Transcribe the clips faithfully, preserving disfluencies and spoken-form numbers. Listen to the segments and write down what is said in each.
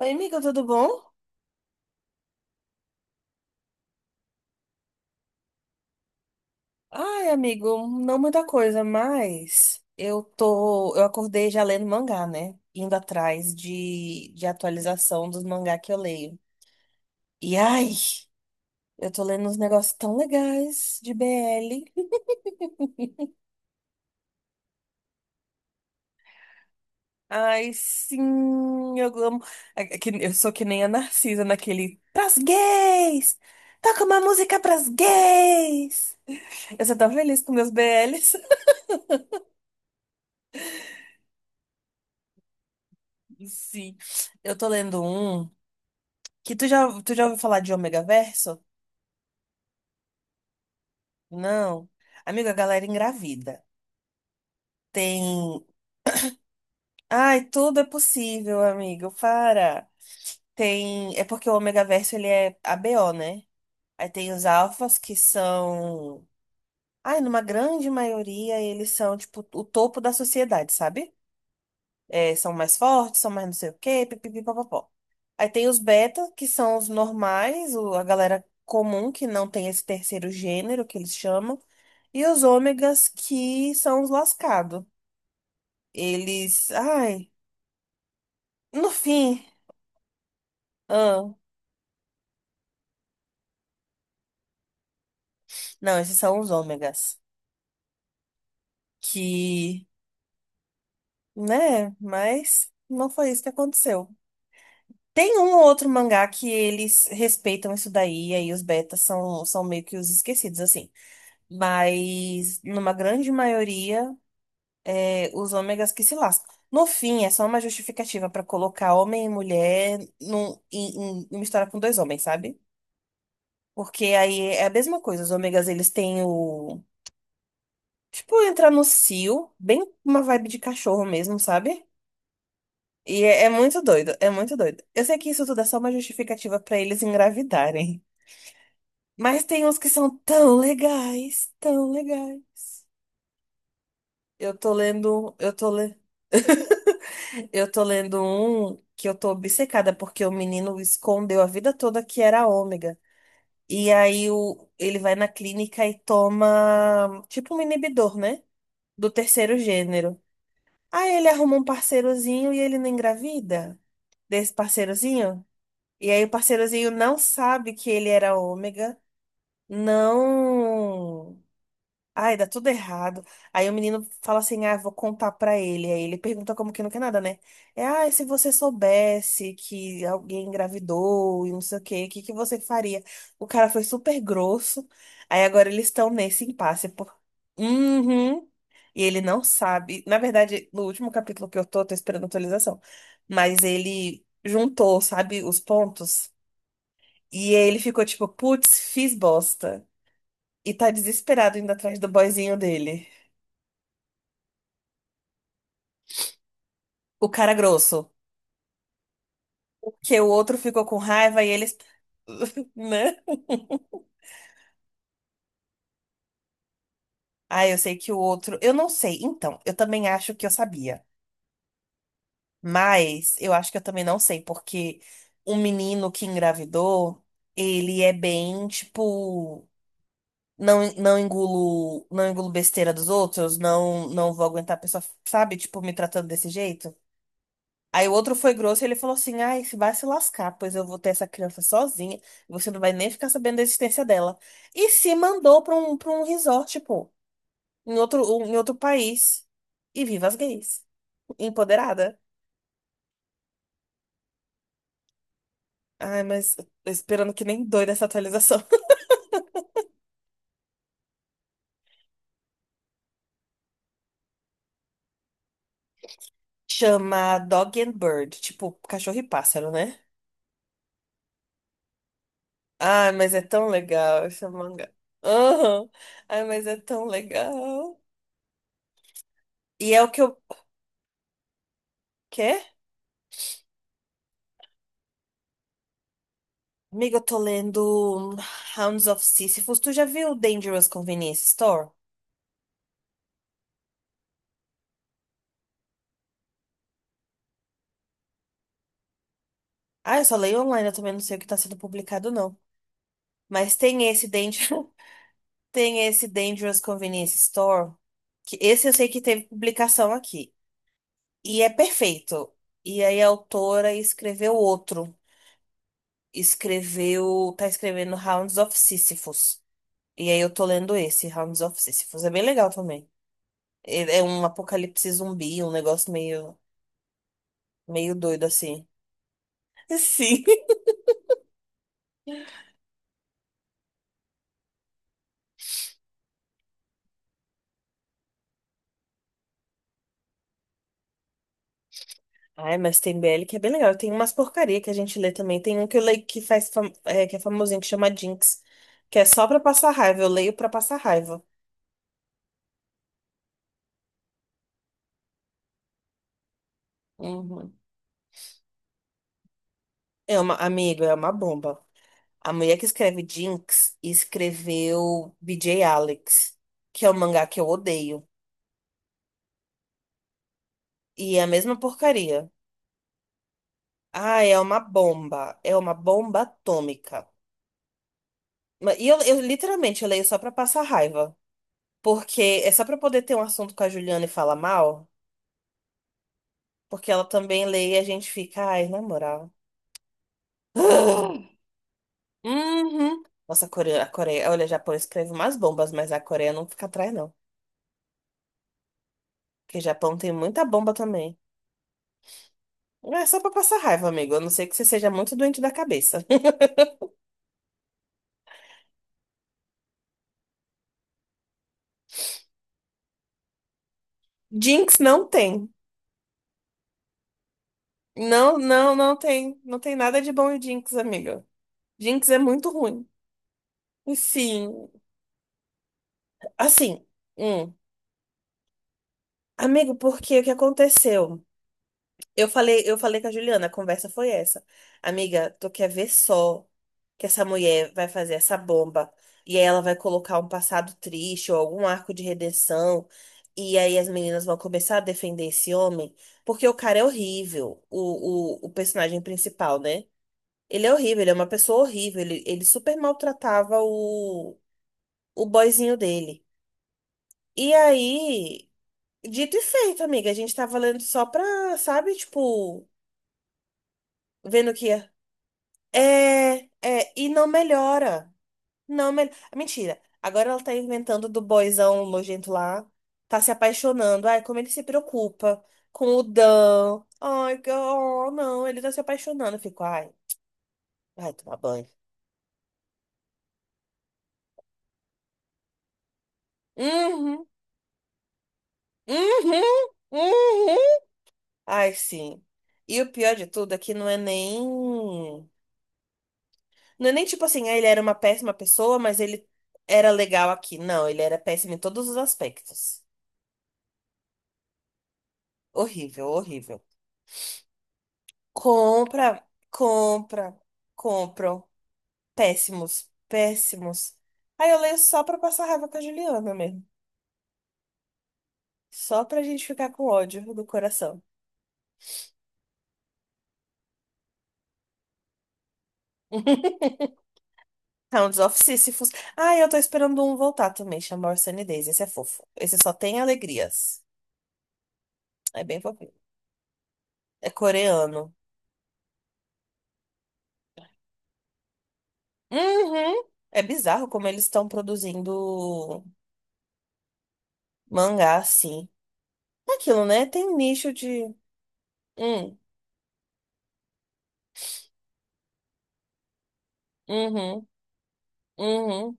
Oi, amigo, tudo bom? Ai, amigo, não muita coisa, mas eu tô, eu acordei já lendo mangá, né? Indo atrás de, de atualização dos mangá que eu leio. E ai, eu tô lendo uns negócios tão legais de B L. Ai, sim, eu amo. É é que eu sou que nem a Narcisa naquele pras gays! Toca uma música pras gays! Eu sou tão feliz com meus B Ls. Sim, eu tô lendo um. Que tu já, tu já ouviu falar de ômega verso? Não. Amiga, a galera engravida. Tem. Ai, tudo é possível, amigo. Para. Tem. É porque o ômega verso ele é A B O, né? Aí tem os alfas que são. Ai, numa grande maioria, eles são, tipo, o topo da sociedade, sabe? É, são mais fortes, são mais não sei o quê, pipipi, papapó. Aí tem os beta, que são os normais, o- a galera comum, que não tem esse terceiro gênero, que eles chamam. E os ômegas, que são os lascados. Eles, ai, no fim, ah, não, esses são os ômegas, que, né, mas não foi isso que aconteceu. Tem um ou outro mangá que eles respeitam isso daí, e aí os betas são, são meio que os esquecidos, assim. Mas, numa grande maioria, é, os ômegas que se lascam. No fim, é só uma justificativa para colocar homem e mulher num, em, em, em uma história com dois homens, sabe? Porque aí é a mesma coisa. Os ômegas, eles têm o. Tipo, entrar no cio, bem uma vibe de cachorro mesmo, sabe? E é, é muito doido, é muito doido. Eu sei que isso tudo é só uma justificativa pra eles engravidarem. Mas tem uns que são tão legais, tão legais. Eu tô lendo, eu tô le... Eu tô lendo um que eu tô obcecada porque o menino escondeu a vida toda que era ômega. E aí o... ele vai na clínica e toma tipo um inibidor, né? Do terceiro gênero. Aí ele arruma um parceirozinho e ele não engravida desse parceirozinho. E aí o parceirozinho não sabe que ele era ômega, não. Ai, dá tudo errado. Aí o menino fala assim: ah, vou contar pra ele. Aí ele pergunta como que não quer nada, né? É, ah, se você soubesse que alguém engravidou e não sei o quê, o que que você faria? O cara foi super grosso. Aí agora eles estão nesse impasse. Por... Uhum. E ele não sabe. Na verdade, no último capítulo que eu tô, tô esperando a atualização. Mas ele juntou, sabe, os pontos. E ele ficou tipo: putz, fiz bosta. E tá desesperado indo atrás do boyzinho dele. O cara grosso. Porque o outro ficou com raiva e eles. Né? Ah, eu sei que o outro. Eu não sei. Então, eu também acho que eu sabia. Mas eu acho que eu também não sei, porque o menino que engravidou, ele é bem, tipo. Não, não engulo, não engulo besteira dos outros, não, não vou aguentar a pessoa, sabe? Tipo, me tratando desse jeito. Aí o outro foi grosso e ele falou assim: ai, se vai se lascar, pois eu vou ter essa criança sozinha. Você não vai nem ficar sabendo da existência dela. E se mandou pra um, pra um resort, pô, em outro, um, em outro país. E viva as gays. Empoderada. Ai, mas tô esperando que nem doida essa atualização. Chama Dog and Bird, tipo cachorro e pássaro, né? Ai, mas é tão legal esse manga. Aham. Ai, mas é tão legal. E é o que eu. Quê? Amiga, eu tô lendo Hounds of Sisyphus. Tu já viu Dangerous Convenience Store? Ah, eu só leio online, eu também não sei o que tá sendo publicado, não. Mas tem esse Danger... Tem esse Dangerous Convenience Store, que esse eu sei que teve publicação aqui. E é perfeito. E aí a autora escreveu outro. Escreveu. Tá escrevendo Hounds of Sisyphus. E aí eu tô lendo esse, Hounds of Sisyphus. É bem legal também. É é um apocalipse zumbi, um negócio meio, meio doido assim. Sim. Ai, mas tem B L que é bem legal. Tem umas porcaria que a gente lê também. Tem um que eu leio que faz fam- é, que é famosinho, que chama Jinx, que é só pra passar raiva. Eu leio pra passar raiva. Uhum. É uma, amigo, é uma bomba. A mulher que escreve Jinx escreveu B J Alex, que é um mangá que eu odeio. E é a mesma porcaria. Ah, é uma bomba. É uma bomba atômica. Ma- E eu, eu literalmente eu leio só pra passar raiva. Porque é só pra poder ter um assunto com a Juliana e falar mal. Porque ela também lê e a gente fica, ai, na moral. Uhum. Nossa, a Coreia, a Coreia, olha, o Japão escreve umas bombas, mas a Coreia não fica atrás, não. Porque o Japão tem muita bomba também. Não. É só pra passar raiva, amigo. A não ser que você seja muito doente da cabeça. Jinx não tem. Não, não, não tem. Não tem nada de bom em Jinx, amigo. Jinx é muito ruim. Enfim, assim, hum. Amigo, porque o que aconteceu? Eu falei, eu falei com a Juliana, a conversa foi essa. Amiga, tu quer ver só que essa mulher vai fazer essa bomba e aí ela vai colocar um passado triste ou algum arco de redenção e aí as meninas vão começar a defender esse homem porque o cara é horrível, o, o, o personagem principal, né? Ele é horrível, ele é uma pessoa horrível, ele, ele super maltratava o, o boyzinho dele. E aí, dito e feito, amiga, a gente tava lendo só pra, sabe, tipo, vendo que ia. É, é, e não melhora. Não melhora. Mentira. Agora ela tá inventando do boyzão nojento lá. Tá se apaixonando. Ai, como ele se preocupa com o Dan. Ai, que- oh, não, ele tá se apaixonando. Eu fico, ai, vai tomar banho. Uhum, uhum, uhum. Ai, sim. E o pior de tudo é que não é nem. Não é nem tipo assim, ah, ele era uma péssima pessoa, mas ele era legal aqui. Não, ele era péssimo em todos os aspectos. Horrível, horrível. Compra, compra, compram. Péssimos, péssimos. Aí eu leio só pra passar raiva com a Juliana mesmo. Só pra gente ficar com ódio do coração. Hounds of Sisyphus. Ah, eu tô esperando um voltar também, chama Our Sunny Days. Esse é fofo. Esse só tem alegrias. É bem fofinho. É coreano. Uhum. É bizarro como eles estão produzindo mangá assim. É aquilo, né? Tem nicho de. Hum, uhum, uhum,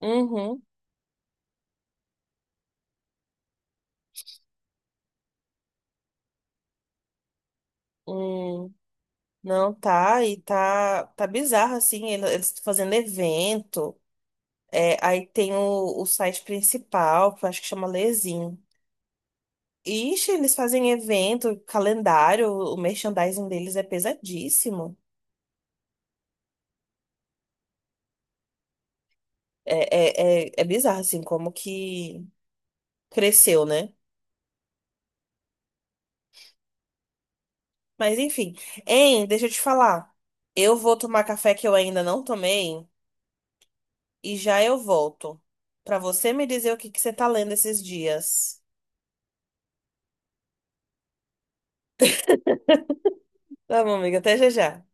uhum, uhum. Não, tá, e tá, tá bizarro, assim, ele- eles fazendo evento, é, aí tem o, o site principal, que eu acho que chama Lezinho. Ixi, eles fazem evento, calendário, o merchandising deles é pesadíssimo. É, é, é, é bizarro, assim, como que cresceu, né? Mas enfim, hein, deixa eu te falar, eu vou tomar café que eu ainda não tomei e já eu volto, pra você me dizer o que que você tá lendo esses dias. Tá bom, amiga, até já já.